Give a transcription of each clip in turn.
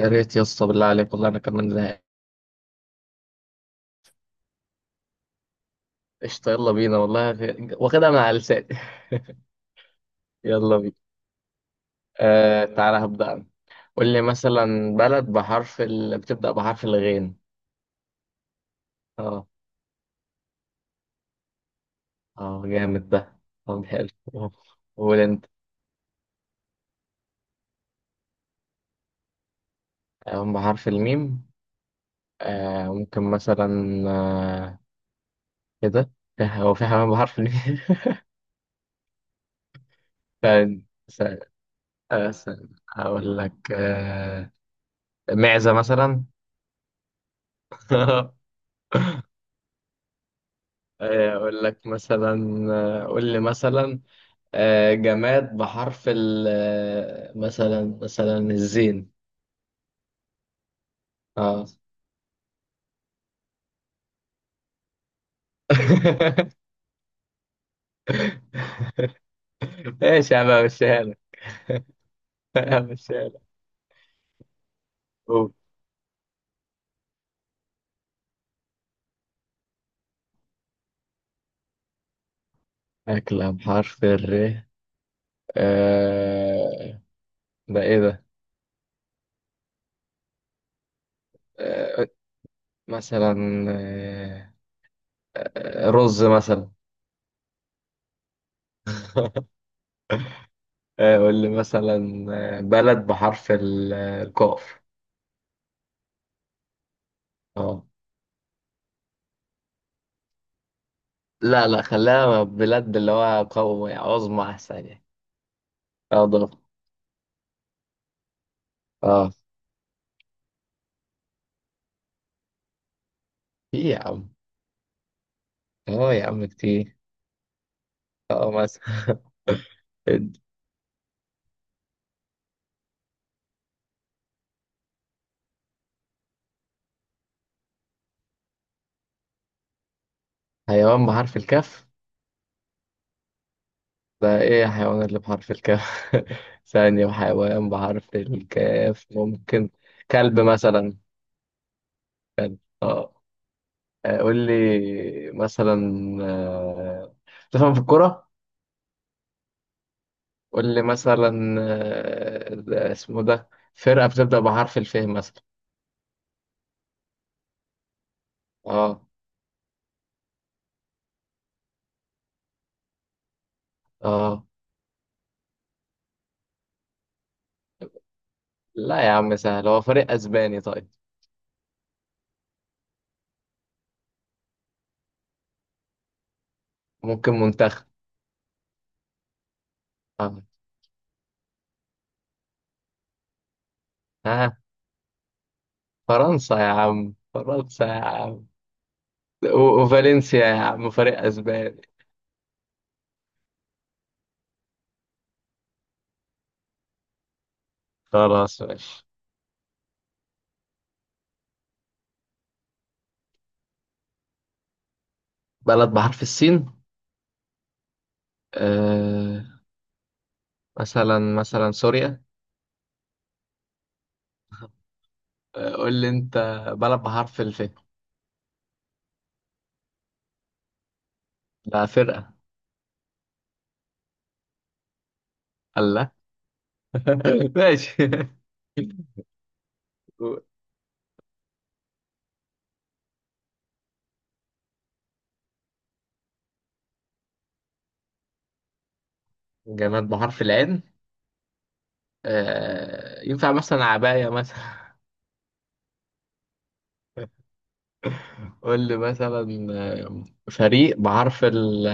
يا ريت يا اسطى، بالله عليك، والله انا كمان زهقان. قشطه، يلا بينا، والله واخدها من على لساني. يلا بينا. آه، تعالى هبدأ انا. قول لي مثلا بلد بحرف بتبدأ بحرف الغين. اه. اه، جامد ده. طب حلو. آه، قول انت. آه، بحرف الميم. ممكن مثلا. آه. كده. هو في حيوان بحرف الميم؟ استنى استنى. آه، استنى. هقول لك معزة مثلا. آه، أقول لك مثلا آه، قول لي مثلا. جماد بحرف ال آه، مثلا الزين. اه. ايش؟ انا مشيها لك. أنا مشيها لك. قول. أكلة بحرف الر؟ آه، ده إيه ده؟ آه، مثلا. آه، رز مثلا. آه، قول لي مثلا. آه، بلد بحرف الكاف. لا لا، خلاها بلاد اللي هو قوي عظمى أحسن يعني. اه، ضرب. اه، في يا عم. اه يا عم، كتير. اه، مثلا. حيوان بحرف الكاف. ده ايه الحيوان اللي بحرف الكاف؟ ثانية، وحيوان بحرف الكاف ممكن. كلب مثلا. اه. آه، قول لي مثلا. آه، تفهم في الكرة. قول لي مثلا، اسمه ده فرقة بتبدأ بحرف الف مثلا. اه. اه، لا يا عم، سهل، هو فريق اسباني طيب. ممكن منتخب. آه. ها؟ فرنسا يا عم، فرنسا يا عم. وفالنسيا يا عم، فريق اسباني. خلاص ماشي. بلد بحرف السين. آه، مثلا سوريا. آه، قول لي انت. بلد بحرف الف. لا، فرقة. الله. ماشي. جماد بحرف العين. آه، ينفع مثلا عباية مثلا. قول لي مثلا، فريق بحرف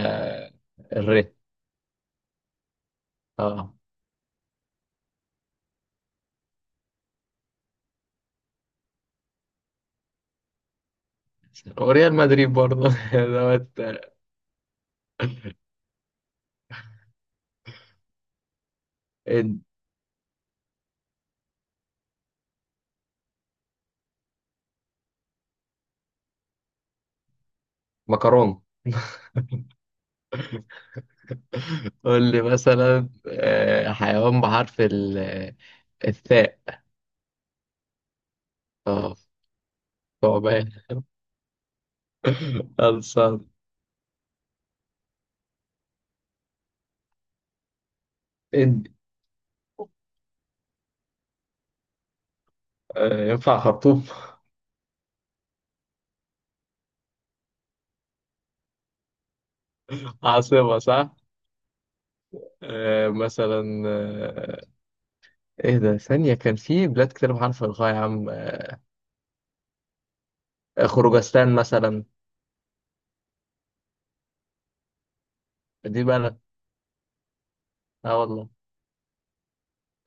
الر. اه، وريال مدريد برضه. دوت آه، إد. مكرونه. قول لي مثلا، حيوان بحرف الثاء. اه، ثعبان. خلصان. إد. آه، ينفع خرطوم. عاصمة، صح؟ آه، مثلا آه، ايه ده، ثانية كان في بلاد كتير بحرف الغاء يا عم، خروجستان مثلا. دي بلد. اه والله.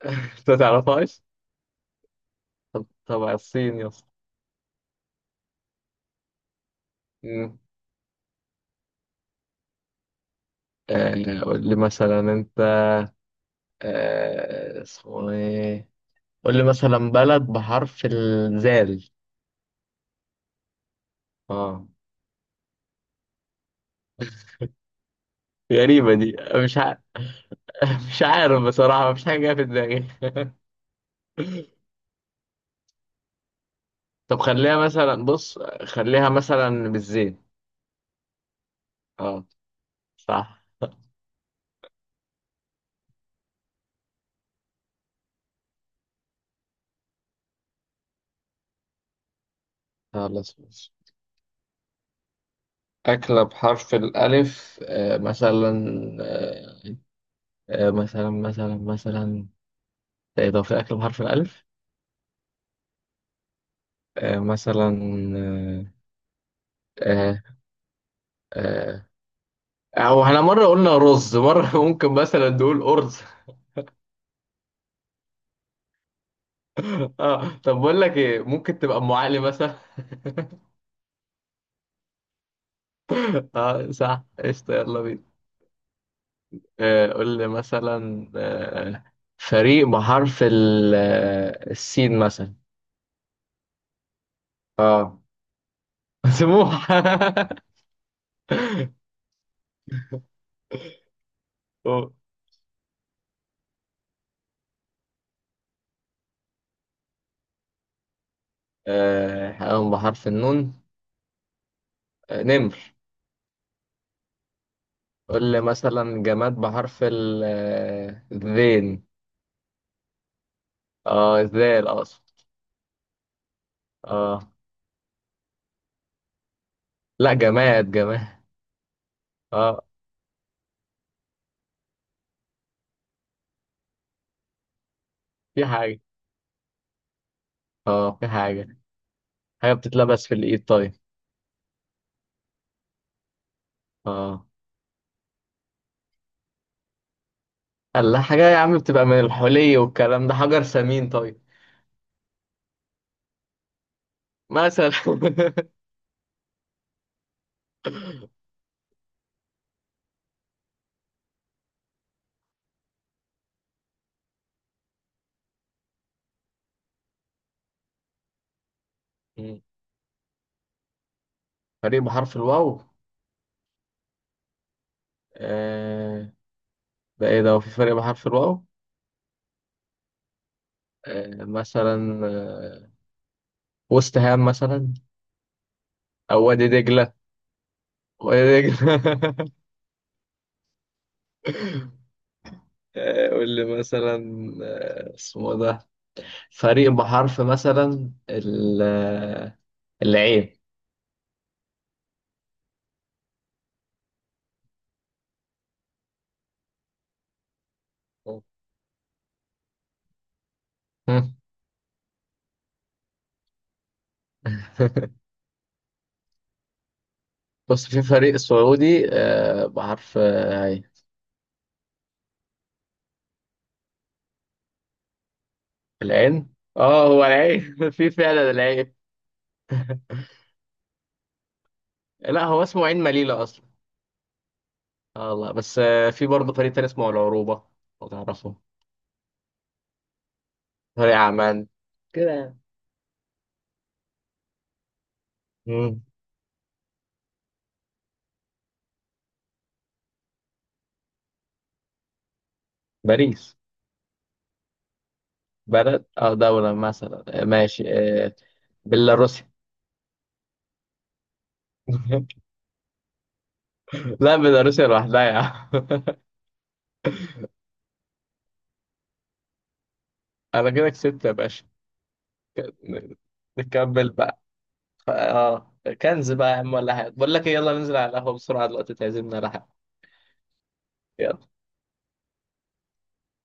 انت تعرفهاش؟ طب تبع الصين يا اسطى. مم. آه، قول لي مثلا انت، اسمه ايه. قول لي مثلا بلد بحرف الزال. اه. غريبة دي. مش ع... مش عارف بصراحة، مفيش حاجة جاية في دماغي. طب خليها مثلا، بص، خليها مثلا بالزين. اه، صح. خلاص ماشي. أكلة بحرف الألف، مثلا. آه، مثلا. إيه ده، في أكلة بحرف الألف؟ مثلا. آه، آه، آه، او احنا مره قلنا رز، مره ممكن مثلا نقول ارز. اه طب بقول لك ايه، ممكن تبقى ام علي مثلا. اه صح، قشطه، يلا بينا. آه، قول لي مثلا، فريق بحرف السين مثلا. اه. سموح. أوه. آه، حيوان بحرف النون. آه، نمر. قول لي مثلا جماد بحرف الذين. اه، ذال اقصد. اه، لا، جماد جماد. اه، في حاجة. اه، في حاجة. حاجة بتتلبس في الإيد طيب. اه. الله، حاجة يا عم بتبقى من الحلي والكلام ده، حجر ثمين طيب. مثلا. مم. فريق بحرف الواو. آه، ده ايه ده، هو في فريق بحرف الواو؟ آه، مثلا، آه، وست هام مثلا. أو وادي دجلة، وادي دجلة. آه، قول لي مثلا، اسمه ده فريق بحرف مثلا العين. مم. بص، في فريق سعودي آه، بحرف آه، عين. العين، اه هو العين. في فعلا العين. لا، هو اسمه عين مليلة اصلا. اه والله. بس آه، في برضه فريق تاني اسمه العروبة لو تعرفه. فريق عمان كده يعني. مم. باريس. بلد اه دولة مثلا، آه، ماشي. آه، بيلاروسيا. لا، بيلاروسيا لوحدها يا عم. انا كده كسبت يا باشا. ن- نكمل بقى. ف- اه كنز بقى يا عم، ولا حاجة، بقول لك ايه، يلا ننزل على القهوة بسرعة دلوقتي تعزمنا على حاجة. يلا.